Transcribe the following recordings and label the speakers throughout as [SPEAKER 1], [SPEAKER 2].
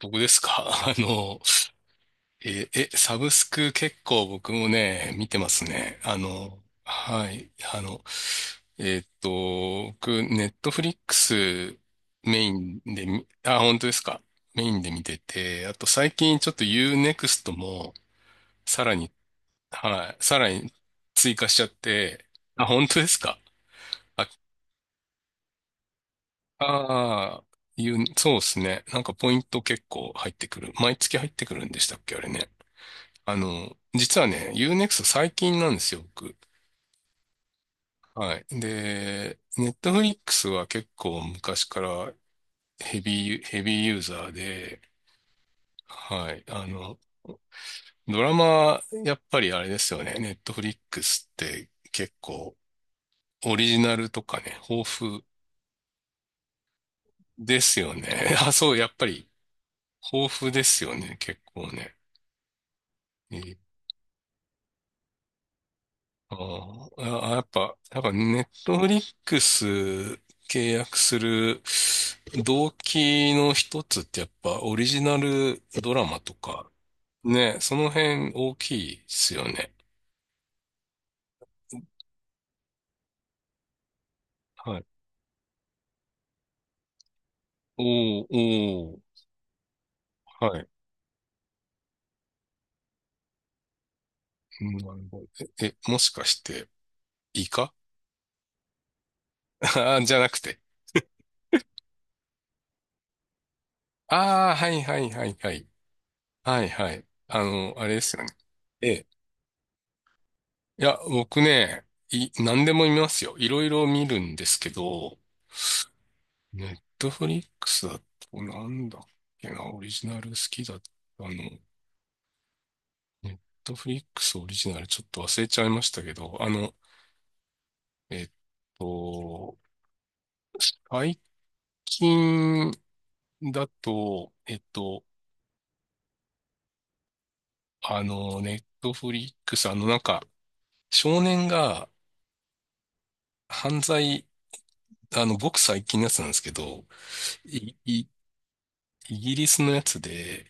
[SPEAKER 1] 僕ですか？ サブスク結構僕もね、見てますね。はい。僕、ネットフリックスメインでみ、あ、本当ですか？メインで見てて、あと最近ちょっとユーネクストもさらに、はい、さらに追加しちゃって、あ、本当ですか？あ、あー、そうですね。なんかポイント結構入ってくる。毎月入ってくるんでしたっけ、あれね。実はね、ユーネ e クスト最近なんですよ、僕。はい。で、Netflix は結構昔からヘビーユーザーで、はい。ドラマ、やっぱりあれですよね。Netflix って結構オリジナルとかね、豊富ですよね。あ、そう、やっぱり豊富ですよね、結構ね。えーああ、あやっぱ、なんかネットフリックス契約する動機の一つってやっぱオリジナルドラマとか、ね、その辺大きいですよね。はい。おー、おー、はい。なるほど。もしかして、イカ じゃなくて。ああ、はいはいはいはい。はいはい。あれですよね。ええ。いや、僕ね、何でも見ますよ。いろいろ見るんですけど、ネットフリックスだと、なんだっけな、オリジナル好きだった。の、ネットフリックスオリジナルちょっと忘れちゃいましたけど、えっと、最近だと、ネットフリックス、なんか、少年が犯罪、ごく最近のやつなんですけど、い、い、イギリスのやつで、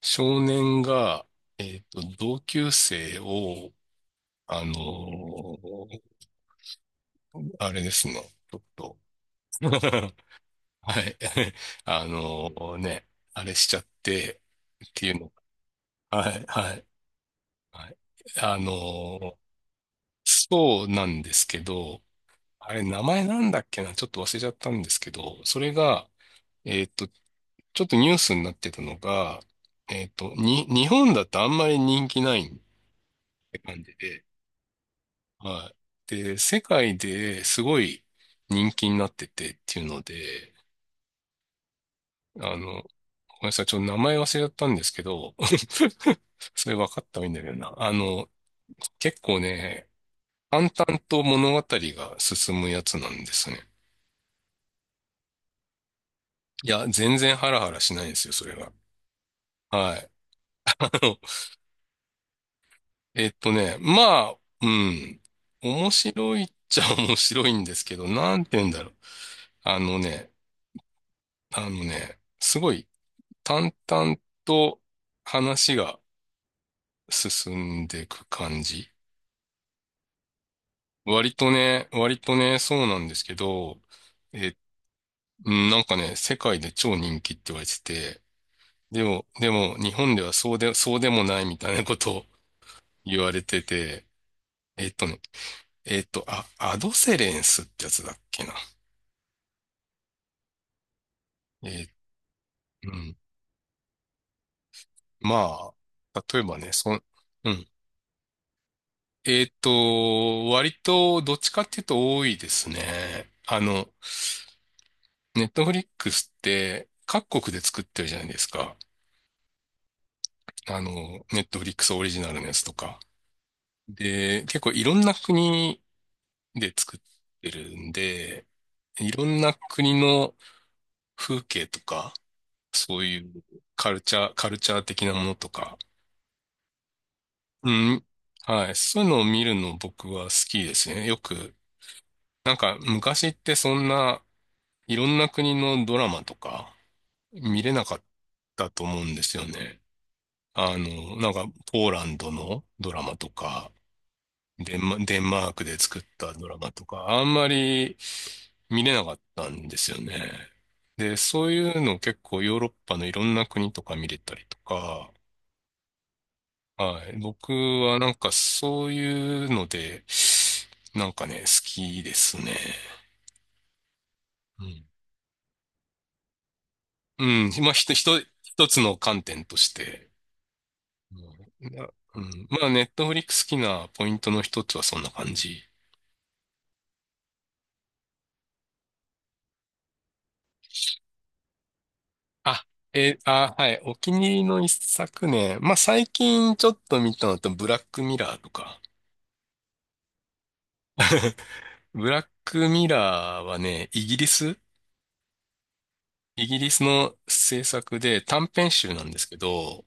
[SPEAKER 1] 少年が、同級生を、あのあれですね。ちょっと。はい。あのね、あれしちゃってっていうの。はい、はい、はい。あのそうなんですけど、あれ名前なんだっけな、ちょっと忘れちゃったんですけど、それが、えっと、ちょっとニュースになってたのが、日本だとあんまり人気ないって感じで、はい。で、世界ですごい人気になっててっていうので、あのごめんなさい。ちょっと名前忘れちゃったんですけど、それ分かった方がいいんだけどな。結構ね、淡々と物語が進むやつなんですね。いや、全然ハラハラしないんですよ、それが。はい。あの、まあ、うん。面白いっちゃ面白いんですけど、なんて言うんだろう。あのね、あのね、すごい淡々と話が進んでいく感じ。割とね、そうなんですけど、えっうん、なんかね、世界で超人気って言われてて、でも、日本ではそうでもないみたいなことを 言われてて、えっとね、えっと、あ、アドセレンスってやつだっけな。えー、うん。まあ、例えばね、うん。割と、どっちかっていうと多いですね。ネットフリックスって、各国で作ってるじゃないですか。ネットフリックスオリジナルのやつとか。で、結構いろんな国で作ってるんで、いろんな国の風景とか、そういうカルチャー的なものとか、うん、はい、そういうのを見るの僕は好きですね。よく、なんか昔ってそんないろんな国のドラマとか見れなかったと思うんですよね。なんかポーランドのドラマとか、デンマークで作ったドラマとか、あんまり見れなかったんですよね。で、そういうの結構ヨーロッパのいろんな国とか見れたりとか、はい。僕はなんかそういうので、なんかね、好きですね。うん。うん。まあ、ひと、ひと一つの観点として。うん、なうんまあ、ネットフリックス好きなポイントの一つはそんな感じあ、はい。お気に入りの一作ねまあ、最近ちょっと見たのと、ブラックミラーとか。ブラックミラーはね、イギリスの制作で短編集なんですけど、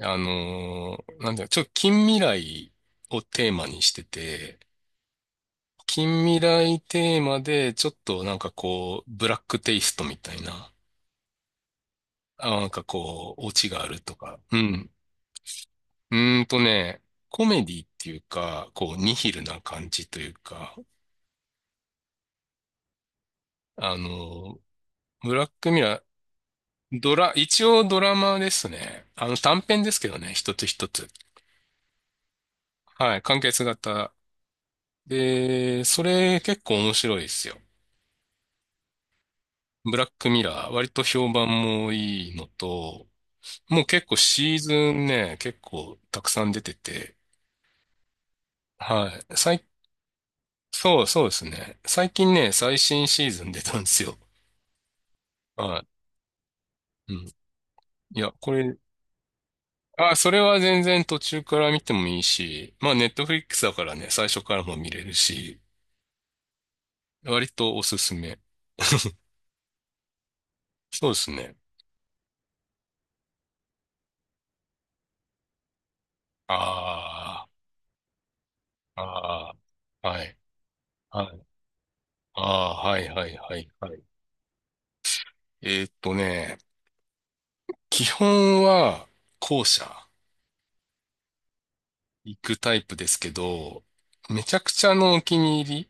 [SPEAKER 1] なんだよ、ちょっと近未来をテーマにしてて、近未来テーマでちょっとなんかこう、ブラックテイストみたいな、あ、なんかこう、オチがあるとか、うん。うーんとね、コメディっていうか、こう、ニヒルな感じというか、あの、ブラックミラー、一応ドラマですね。短編ですけどね、一つ一つ。はい、完結型。で、それ結構面白いですよ。ブラックミラー、割と評判もいいのと、もう結構シーズンね、結構たくさん出てて、はい、そうですね。最近ね、最新シーズン出たんですよ。はい。うんいや、これ、あ、それは全然途中から見てもいいし、まあネットフリックスだからね、最初からも見れるし、割とおすすめ。そうですね。ああ、ああ、はい、はい、ああ、はい、はい、はい、はい。えーっとね、基本は後者行くタイプですけど、めちゃくちゃのお気に入り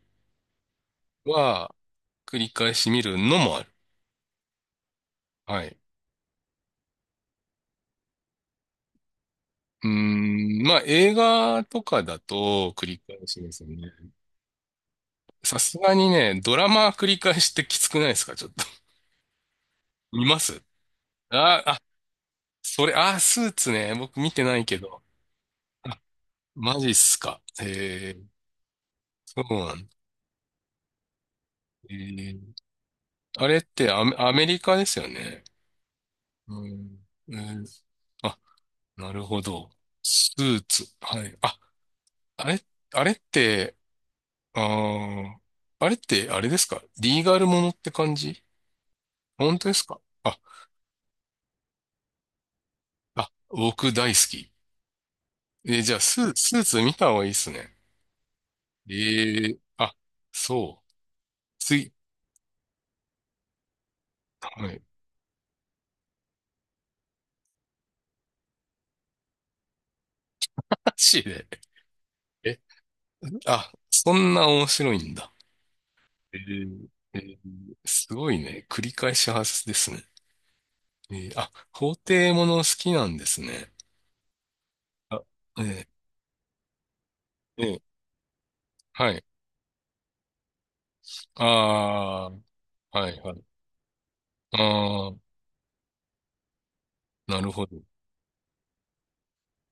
[SPEAKER 1] は繰り返し見るのもある。はい。まあ映画とかだと繰り返しですね。さすがにね、ドラマ繰り返してきつくないですか？ちょっと。見ます。あー、あ、それ、スーツね。僕見てないけど。あ、マジっすか？へー、そうなんだ。えーあれってアメリカですよね？うん。あ、なるほど。スーツ。はい。あ、あれ、あれって、あー、あれって、あれですか？リーガルものって感じ？本当ですか？あ、僕大好き。じゃあ、スーツ見た方がいいっすね。ええあ、そう。つい、はい。マジで。え、そんな面白いんだ。えーえーすごいね。繰り返し派ですね。法廷もの好きなんですね。あ、えーえーはい。ああ、はい、はい。ああ、なるほど。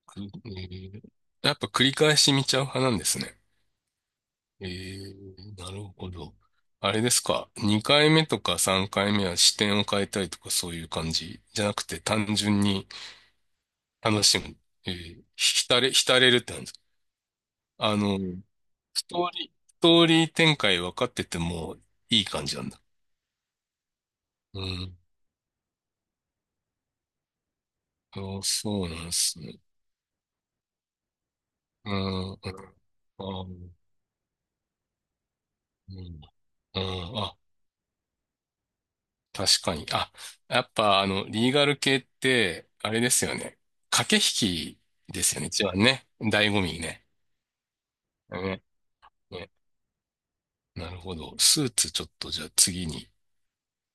[SPEAKER 1] くえーやっぱ繰り返し見ちゃう派なんですね。ええ、なるほど。あれですか？2回目とか3回目は視点を変えたりとかそういう感じじゃなくて単純に楽しむ。ええ、浸れるって感じですか？あの、ストーリー、ストーリー展開分かっててもいい感じなんだ。うん。そうそうなんですね。うん。あ、うん。うんあ、確かに。やっぱリーガル系って、あれですよね。駆け引きですよね。一番ね。醍醐味ね。ね、ね。なるほど。スーツちょっとじゃあ次に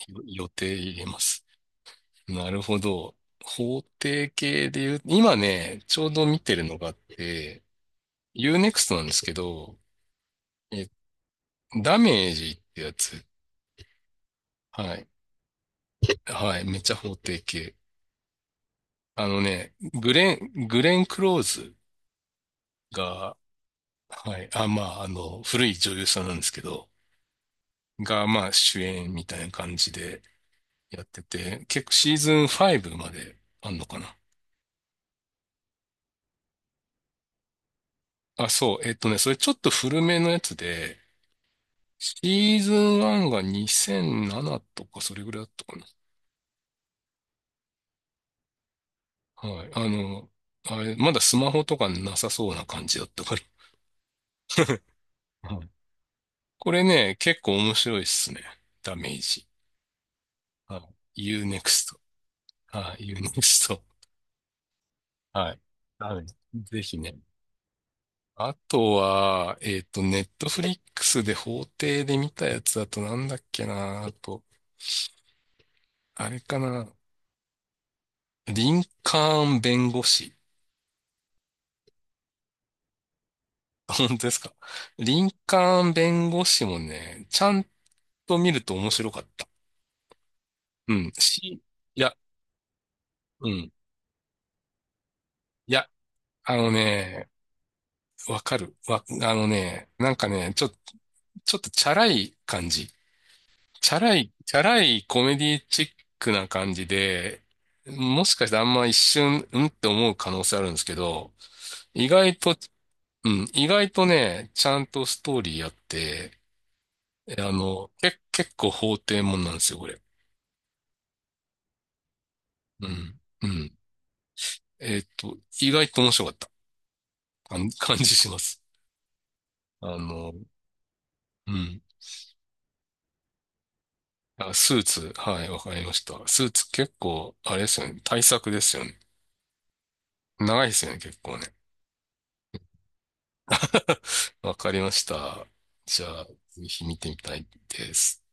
[SPEAKER 1] 予定入れます。なるほど。法定系で言う、今ね、ちょうど見てるのがあって、Unext なんですけど、え、ダメージってやつ。はい。はい。めっちゃ法定系。あのね、グレン・クローズが、はい。あ、まあ、古い女優さんなんですけど、が、まあ、主演みたいな感じでやってて、結構シーズン5まであんのかな。あ、そう。それちょっと古めのやつで、シーズン1が2007とかそれぐらいだったかな。はい。あれ、まだスマホとかなさそうな感じだったから。はい。これね、結構面白いっすね。ダメージ。はい。U-NEXT。はい。u ネクスト。はい。はい。ぜひね。あとは、ネットフリックスで法廷で見たやつだとなんだっけな。あと、あれかな。リンカーン弁護士。本当ですか？林間弁護士もね、ちゃんと見ると面白かった。うん。いや、うん。いや、あのね、わかる。あのね、なんかね、ちょっとチャラい感じ。チャラい、チャラいコメディチックな感じで、もしかしてあんま一瞬、うんって思う可能性あるんですけど、意外と、うん、意外とね、ちゃんとストーリーあって、えあの、け、結構法廷もんなんですよ、これ。うん。うん。意外と面白かった感じします。あの、うん。あ、スーツ、はい、わかりました。スーツ結構、あれですよね。対策ですよね。長いですよね、結構ね。わかりました。じゃあ、ぜひ見てみたいです。